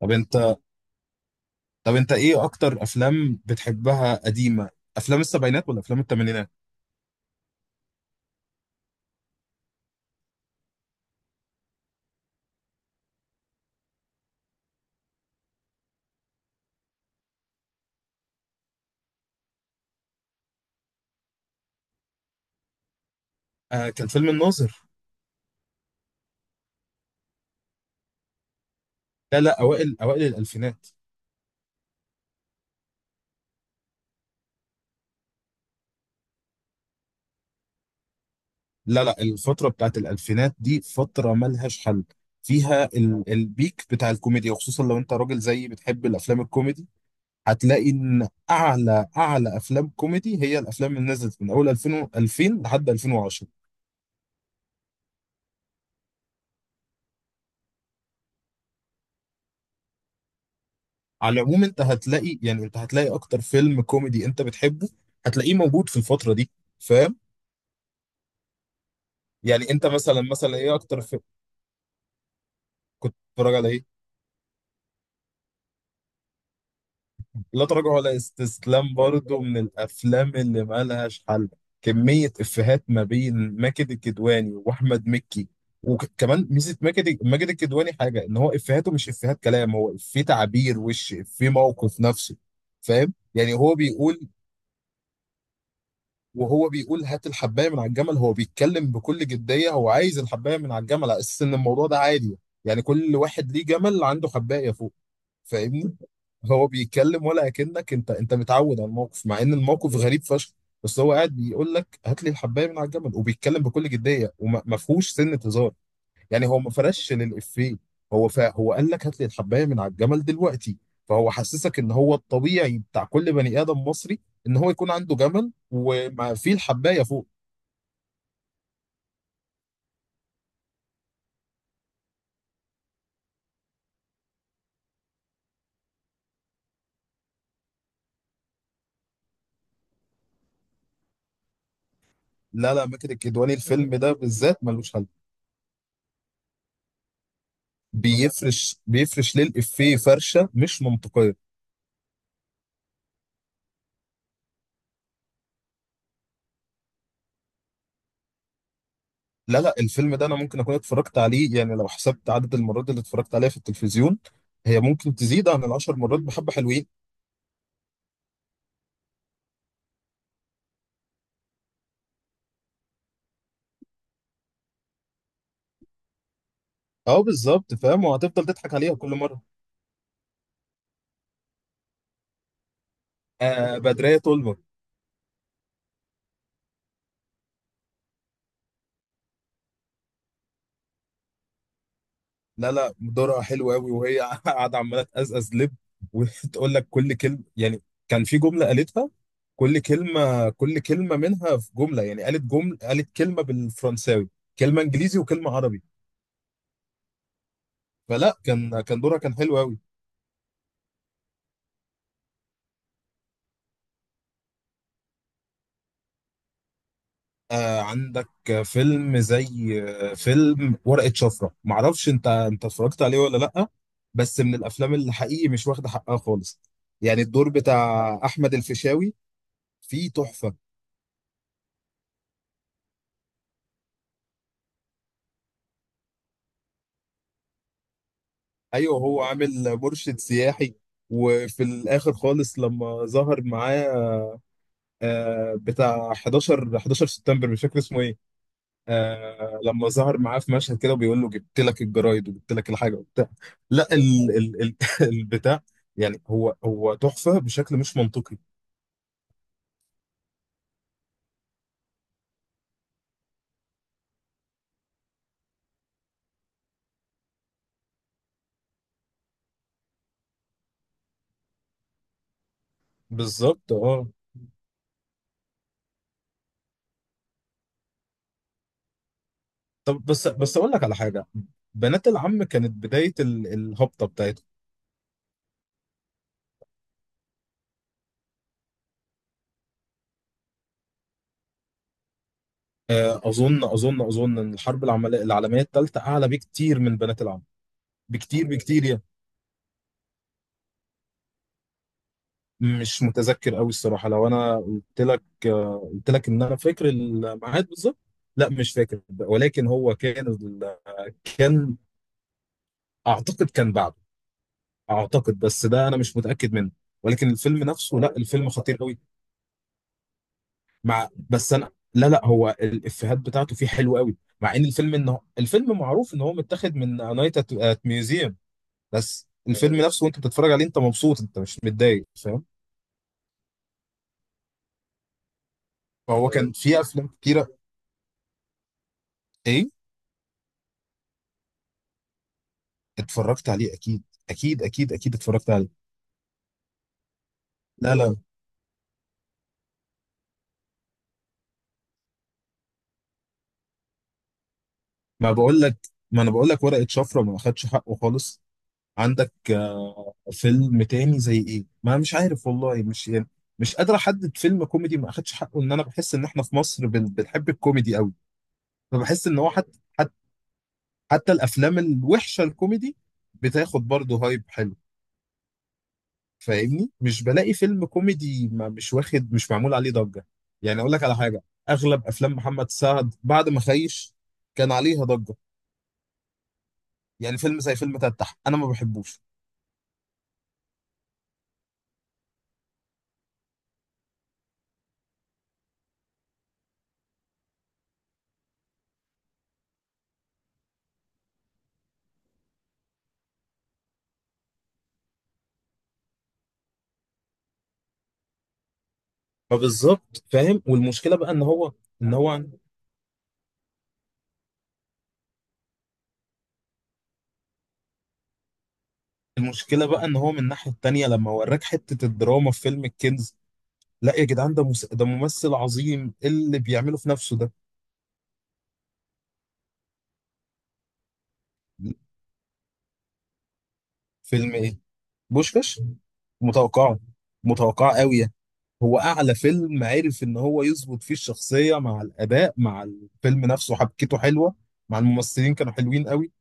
طب انت طب انت ايه اكتر افلام بتحبها قديمه؟ افلام السبعينات ولا افلام الثمانينات؟ آه، كان فيلم الناظر. لا، لا، اوائل الالفينات. لا، لا، الفتره بتاعت الالفينات دي فتره ملهاش حل. فيها البيك بتاع الكوميديا، وخصوصا لو انت راجل زيي بتحب الافلام الكوميدي. هتلاقي ان اعلى افلام كوميدي هي الافلام اللي نزلت من اول 2000 لحد 2010. على العموم، انت هتلاقي اكتر فيلم كوميدي انت بتحبه، هتلاقيه موجود في الفتره دي، فاهم؟ يعني انت مثلا ايه اكتر في كنت بتتفرج على ايه؟ لا تراجع ولا استسلام برضو من الافلام اللي مالهاش حل. كمية افيهات ما بين ماجد الكدواني واحمد مكي. وكمان ميزة ماجد الكدواني حاجة، ان هو افيهاته مش افيهات كلام، هو افيه تعبير وش، افيه موقف نفسي. فاهم؟ يعني هو بيقول. وهو بيقول هات الحباية من على الجمل، هو بيتكلم بكل جدية، هو عايز الحباية من على الجمل على اساس ان الموضوع ده عادي. يعني كل واحد ليه جمل عنده حباية فوق. فاهمني؟ هو بيتكلم ولا اكنك انت متعود على الموقف، مع ان الموقف غريب فشخ. بس هو قاعد بيقول لك هات لي الحبايه من على الجمل، وبيتكلم بكل جديه، وما فيهوش سنه هزار، يعني هو ما فرش للافيه. هو قال لك هات لي الحبايه من على الجمل دلوقتي. فهو حسسك ان هو الطبيعي بتاع كل بني ادم مصري، ان هو يكون عنده جمل وما فيه الحبايه فوق. لا، لا، ماجد الكدواني الفيلم ده بالذات ملوش حل. بيفرش للافيه فرشه مش منطقيه. لا، لا، الفيلم ده انا ممكن اكون اتفرجت عليه، يعني لو حسبت عدد المرات اللي اتفرجت عليها في التلفزيون، هي ممكن تزيد عن العشر مرات بحبة حلوين. اه، بالظبط، فاهم، وهتفضل تضحك عليها كل مرة. آه، بدرية تولمر. لا، لا، دورها حلو قوي وهي قاعدة عمالة تقزقز لب، وتقول لك كل كلمة، يعني كان في جملة قالتها، كل كلمة منها في جملة، يعني قالت جملة، قالت كلمة بالفرنساوي، كلمة انجليزي، وكلمة عربي. فلا، كان دورها كان حلو قوي. آه، عندك فيلم زي، فيلم ورقة شفرة، معرفش انت اتفرجت عليه ولا لأ، بس من الافلام اللي حقيقي مش واخدة حقها خالص. يعني الدور بتاع احمد الفيشاوي فيه تحفة. ايوه، هو عامل مرشد سياحي، وفي الاخر خالص لما ظهر معاه بتاع 11 11 سبتمبر، مش فاكر اسمه إيه. آه، لما ظهر معاه في مشهد كده، وبيقول له جبت لك الجرايد وجبت لك الحاجه وبتاع، لا، ال ال ال البتاع، يعني هو تحفه بشكل مش منطقي. بالظبط. اه طب، بس اقول لك على حاجه. بنات العم كانت بدايه الهبطه بتاعتهم. اظن ان الحرب العالميه الثالثه اعلى بكتير من بنات العم. بكتير بكتير يعني. مش متذكر قوي الصراحه، لو انا قلت لك قلت لك ان انا فاكر الميعاد بالظبط. لا، مش فاكر، ولكن هو كان، اعتقد كان بعده. اعتقد، بس ده انا مش متاكد منه. ولكن الفيلم نفسه، لا الفيلم خطير قوي. بس انا، لا، لا، هو الافيهات بتاعته فيه حلوه قوي، مع ان الفيلم معروف ان هو متاخد من نايت ات ميوزيوم. بس الفيلم نفسه وانت بتتفرج عليه، انت مبسوط، انت مش متضايق، فاهم؟ فهو كان فيه افلام كتيره. ايه؟ اتفرجت عليه اكيد، اكيد، اكيد، اكيد اتفرجت عليه. لا، لا، ما بقول لك ما انا بقول لك ورقة شفرة ما اخدش حقه خالص. عندك فيلم تاني زي ايه، ما مش عارف والله، مش يعني، مش قادر احدد فيلم كوميدي ما اخدش حقه، ان انا بحس ان احنا في مصر بنحب الكوميدي قوي. فبحس ان هو حتى الافلام الوحشة الكوميدي بتاخد برضه هايب حلو. فاهمني؟ مش بلاقي فيلم كوميدي ما مش واخد مش معمول عليه ضجة. يعني اقول لك على حاجة، اغلب افلام محمد سعد بعد ما خيش كان عليها ضجة. يعني فيلم زي فيلم تتح انا ما بحبوش. فبالظبط فاهم، والمشكلة بقى ان هو ان هو المشكلة بقى ان هو من الناحية التانية، لما وراك حتة الدراما في فيلم الكنز. لا يا جدعان، ده ده ممثل عظيم، إيه اللي بيعمله في نفسه ده؟ فيلم ايه؟ بوشكاش. متوقعة، متوقعة قوي. هو اعلى فيلم عرف ان هو يظبط فيه الشخصيه مع الاداء مع الفيلم نفسه، حبكته حلوه، مع الممثلين كانوا حلوين قوي.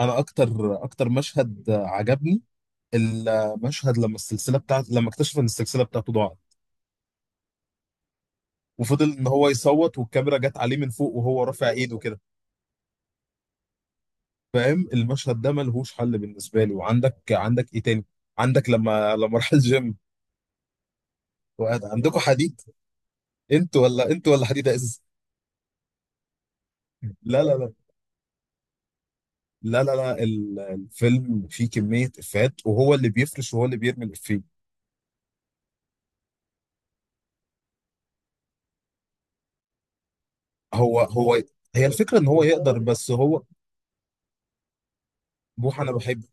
انا اكتر مشهد عجبني، المشهد لما اكتشف ان السلسله بتاعته ضاعت، وفضل ان هو يصوت، والكاميرا جت عليه من فوق وهو رافع ايده كده. فاهم؟ المشهد ده ملهوش حل بالنسبه لي. وعندك ايه تاني؟ عندك لما راح الجيم وقعد، عندكم حديد؟ انتوا ولا انتوا ولا حديد يا ازاز. لا، لا، لا، لا، لا، الفيلم فيه كمية إفيهات، وهو اللي بيفرش وهو اللي بيرمي الإفيه. هو هو هي الفكرة إن هو يقدر، بس هو. بوح أنا بحب،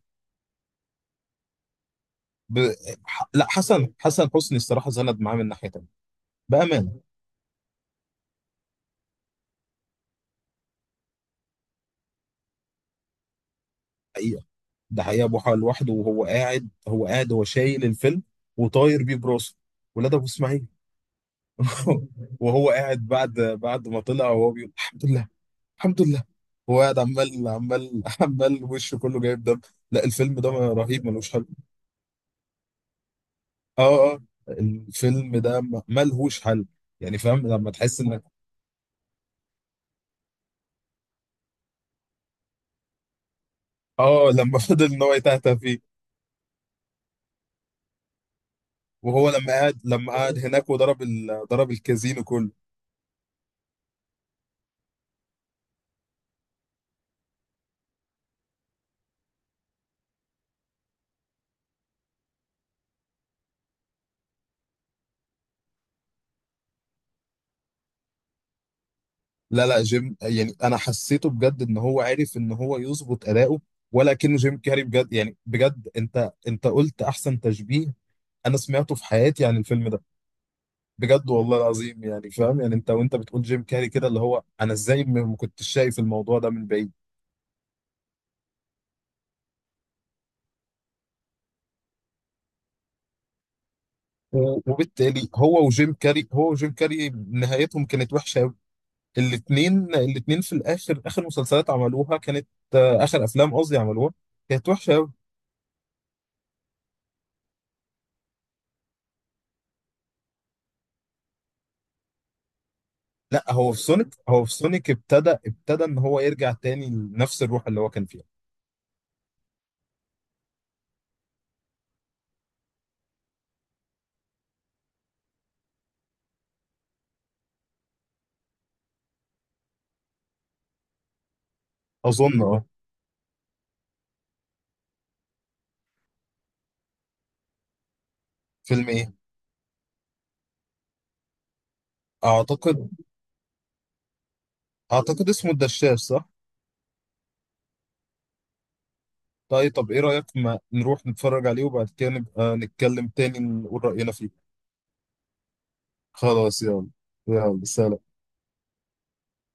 ب... لا، حسن حسني الصراحة زند معاه من ناحية تانية. بأمانة. حقيقة، ده حقيقة بوحة لوحده، وهو قاعد هو شايل الفيلم وطاير بيه براسه. ولاد أبو إسماعيل. وهو قاعد بعد ما طلع وهو بيقول الحمد لله، الحمد لله. هو قاعد عمال عمال عمال، وشه كله جايب دم. لا، الفيلم ده رهيب ملوش حل. اه، اه، الفيلم ده ملهوش حل. يعني فاهم لما تحس انك. اه، لما فضل ان هو يتهته فيه. وهو لما قعد هناك، وضرب ضرب الكازينو كله. لا، لا، جيم يعني، انا حسيته بجد ان هو عرف ان هو يظبط اداؤه، ولا كأنه جيم كاري بجد، يعني بجد انت قلت احسن تشبيه انا سمعته في حياتي عن الفيلم ده، بجد والله العظيم، يعني فاهم، يعني انت وانت بتقول جيم كاري كده، اللي هو انا ازاي ما كنتش شايف الموضوع ده من بعيد. وبالتالي هو وجيم كاري نهايتهم كانت وحشه قوي. الاثنين الاثنين في الاخر، اخر مسلسلات عملوها كانت، آه، اخر افلام قصدي عملوها كانت وحشه قوي. لا، هو في سونيك ابتدى ان هو يرجع تاني لنفس الروح اللي هو كان فيها. اظن، فيلم ايه؟ اعتقد اعتقد اسمه الدشاش، صح؟ طيب، ايه رايك ما نروح نتفرج عليه وبعد كده نبقى نتكلم تاني نقول راينا فيه. خلاص يلا. يلا، سلام.